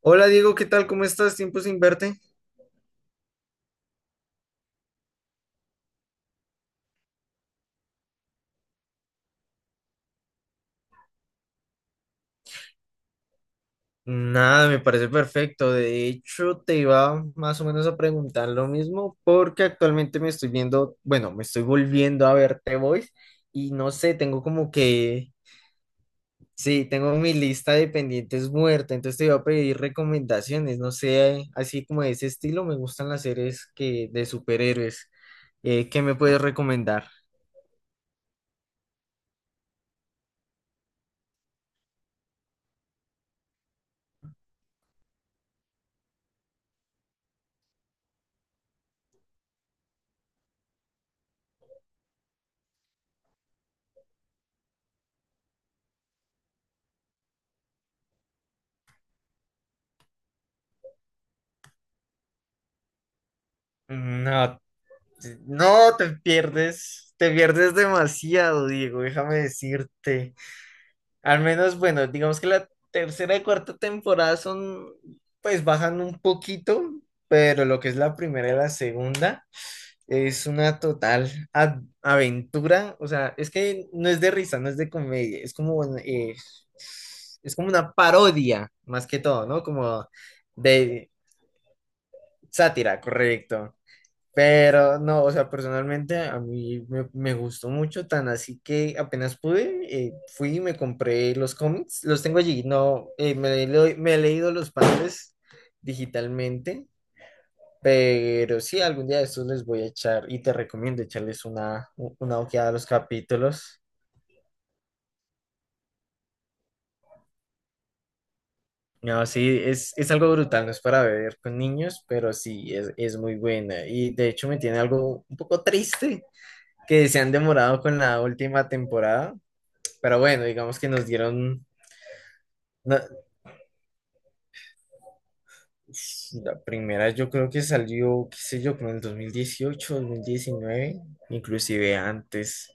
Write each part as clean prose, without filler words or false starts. Hola Diego, ¿qué tal? ¿Cómo estás? Tiempo sin verte. Nada, me parece perfecto. De hecho, te iba más o menos a preguntar lo mismo porque actualmente me estoy viendo, bueno, me estoy volviendo a ver The Voice y no sé, tengo como que, sí, tengo mi lista de pendientes muerta, entonces te iba a pedir recomendaciones, no sé, así como de ese estilo, me gustan las series que de superhéroes. ¿Qué me puedes recomendar? No, no, te pierdes demasiado, Diego, déjame decirte. Al menos, bueno, digamos que la tercera y cuarta temporada son, pues bajan un poquito, pero lo que es la primera y la segunda es una total aventura. O sea, es que no es de risa, no es de comedia, es como, bueno, es como una parodia, más que todo, ¿no? Como de sátira, correcto. Pero no, o sea, personalmente a mí me gustó mucho, tan así que apenas pude, fui y me compré los cómics, los tengo allí, no, me he leído los padres digitalmente, pero sí, algún día de estos les voy a echar y te recomiendo echarles una, una ojeada a los capítulos. No, sí, es algo brutal, no es para ver con niños, pero sí, es muy buena y de hecho me tiene algo un poco triste que se han demorado con la última temporada. Pero bueno, digamos que nos dieron una- la primera, yo creo que salió, qué sé yo, como en el 2018, dos mil diecinueve, inclusive antes.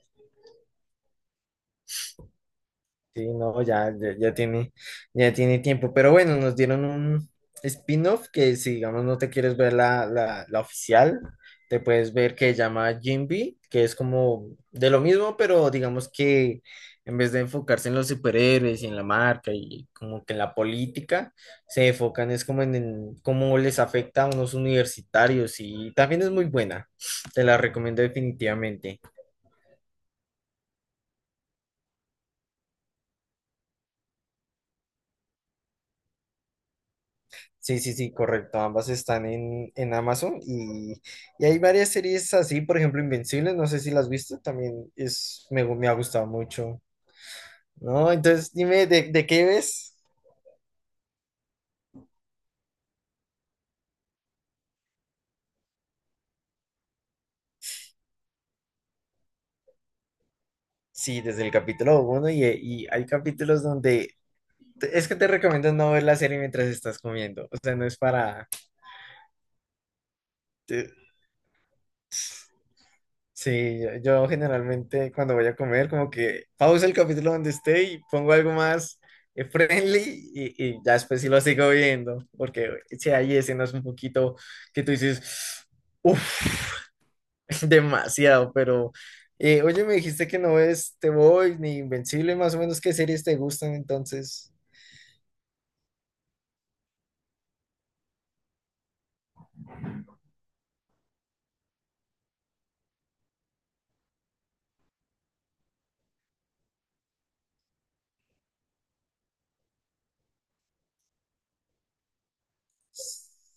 Sí, no, ya, ya, ya tiene tiempo. Pero bueno, nos dieron un spin-off que si digamos no te quieres ver la oficial, te puedes ver que se llama Jinbe, que es como de lo mismo, pero digamos que en vez de enfocarse en los superhéroes y en la marca y como que en la política, se enfocan es como en cómo les afecta a unos universitarios y también es muy buena. Te la recomiendo definitivamente. Sí, sí, sí, correcto. Ambas están en Amazon y hay varias series así, por ejemplo, Invencible, no sé si las has visto, también es, me ha gustado mucho, ¿no? Entonces, dime, de qué ves? Sí, desde el capítulo uno y hay capítulos donde es que te recomiendo no ver la serie mientras estás comiendo, o sea, no es para, sí, yo generalmente cuando voy a comer, como que pausa el capítulo donde esté y pongo algo más friendly y ya después sí lo sigo viendo, porque si hay escenas un poquito que tú dices, uff, demasiado, pero oye, me dijiste que no ves Te Voy ni Invencible, más o menos qué series te gustan entonces.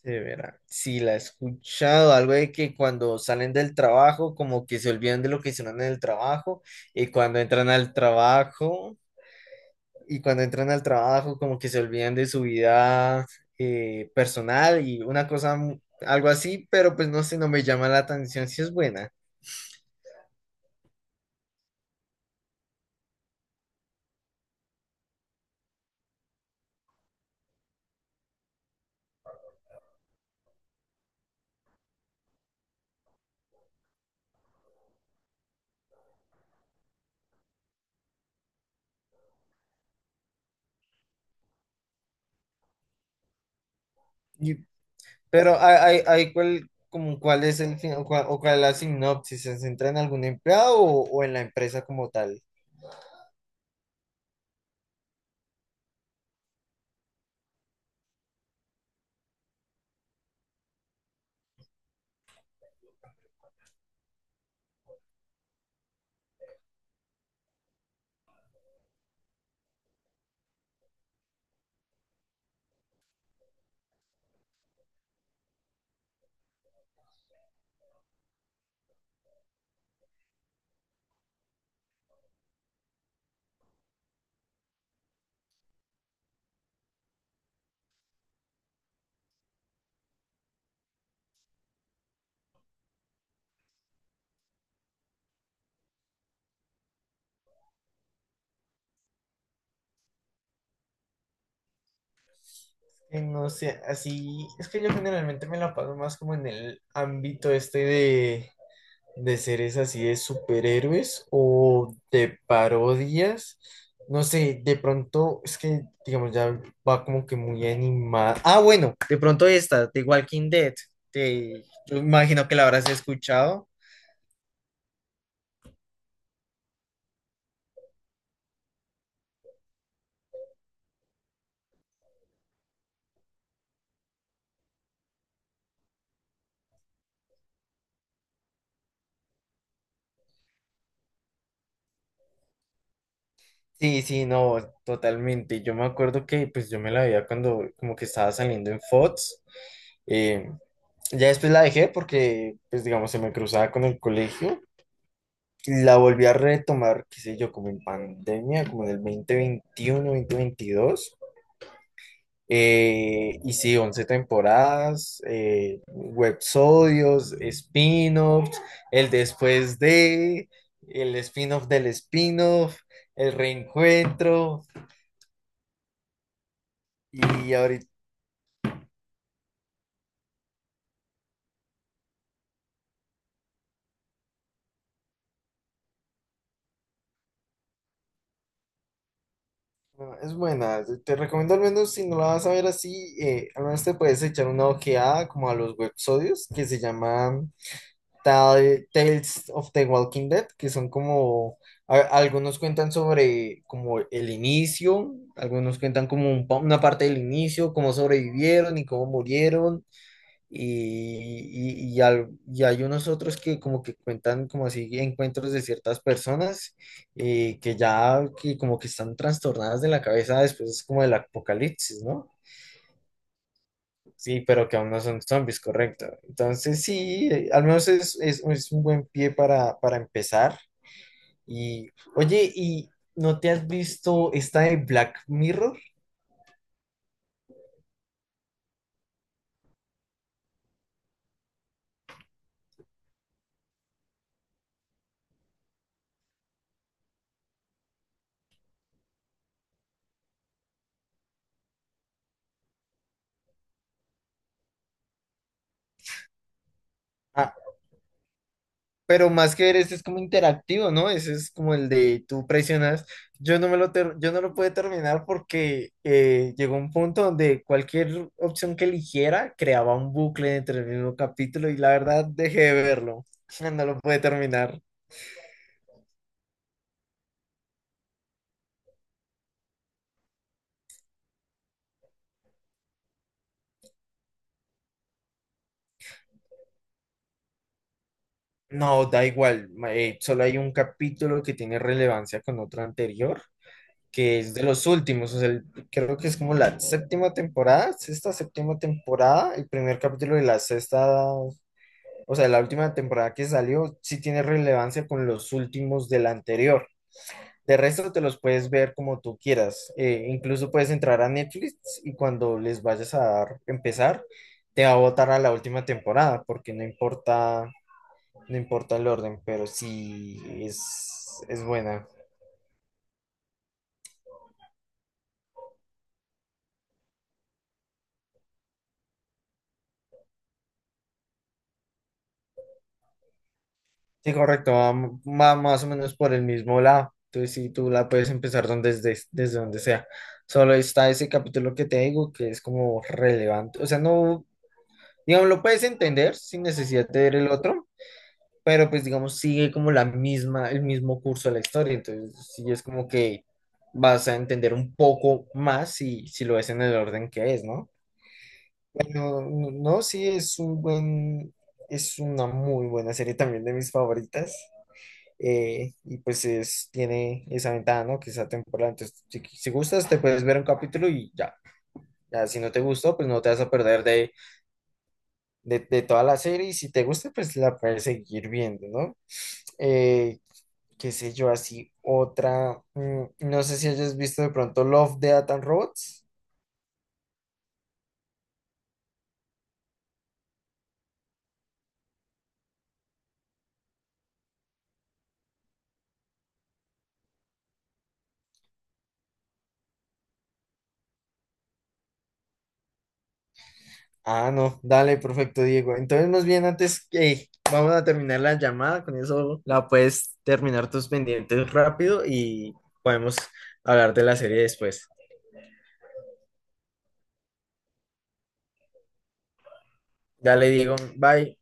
Se verá. Sí, la he escuchado, algo de que cuando salen del trabajo, como que se olvidan de lo que hicieron en el trabajo, y cuando entran al trabajo, y cuando entran al trabajo, como que se olvidan de su vida personal y una cosa, algo así, pero pues no sé, no me llama la atención si es buena. Y- pero hay, hay cuál, como cuál es el fin, o cuál es la sinopsis, ¿se centra en algún empleado o en la empresa como tal? Sí, no sé, así es que yo generalmente me la paso más como en el ámbito este de seres así de superhéroes o de parodias. No sé, de pronto es que, digamos, ya va como que muy animada. Ah, bueno, de pronto esta, de Walking Dead. Te yo imagino que la habrás escuchado. Sí, sí, no, totalmente. Yo me acuerdo que pues yo me la veía cuando como que estaba saliendo en Fox. Ya después la dejé porque, pues digamos, se me cruzaba con el colegio. Y la volví a retomar, qué sé yo, como en pandemia, como en el 2021, 2022. Y sí, 11 temporadas, websodios, spin-offs, el después de, el spin-off del spin-off, el reencuentro. Y ahorita no, es buena, te recomiendo al menos si no la vas a ver así, al menos te puedes echar una ojeada como a los websodios que se llaman Tales of the Walking Dead, que son como, algunos cuentan sobre como el inicio, algunos cuentan como un una parte del inicio, cómo sobrevivieron y cómo murieron, y, y y hay unos otros que como que cuentan como así encuentros de ciertas personas que ya que como que están trastornadas de la cabeza después como del apocalipsis, ¿no? Sí, pero que aún no son zombies, correcto. Entonces sí, al menos es, es un buen pie para empezar. Y oye, ¿y no te has visto esta de Black Mirror? Ah, pero más que ver, ese es como interactivo, ¿no? Ese es como el de tú presionas. Yo no me lo, yo no lo pude terminar porque llegó un punto donde cualquier opción que eligiera creaba un bucle entre el mismo capítulo y la verdad dejé de verlo. No lo pude terminar. No, da igual. Solo hay un capítulo que tiene relevancia con otro anterior, que es de los últimos. O sea, creo que es como la séptima temporada, sexta, séptima temporada, el primer capítulo de la sexta, o sea, la última temporada que salió, sí tiene relevancia con los últimos de la anterior. De resto te los puedes ver como tú quieras. Incluso puedes entrar a Netflix y cuando les vayas a dar, empezar, te va a botar a la última temporada, porque no importa, no importa el orden, pero sí es buena. Sí, correcto, va, va más o menos por el mismo lado. Entonces sí, tú la puedes empezar donde, desde, desde donde sea. Solo está ese capítulo que te digo que es como relevante. O sea, no, digamos, lo puedes entender sin necesidad de ver el otro, pero pues digamos sigue como la misma, el mismo curso de la historia, entonces sí es como que vas a entender un poco más si, si lo ves en el orden que es, ¿no? Bueno, no, no, sí es un buen, es una muy buena serie también de mis favoritas. Y pues es, tiene esa ventaja, ¿no? Que esa temporada, entonces si, si gustas te puedes ver un capítulo y ya. Ya, si no te gustó, pues no te vas a perder de toda la serie y si te gusta, pues la puedes seguir viendo, ¿no? Eh, qué sé yo, así otra, mm, no sé si hayas visto de pronto Love, Death and Robots. Ah, no, dale, perfecto, Diego. Entonces, más bien antes que vamos a terminar la llamada, con eso la puedes terminar tus pendientes rápido y podemos hablar de la serie después. Dale, Diego, bye.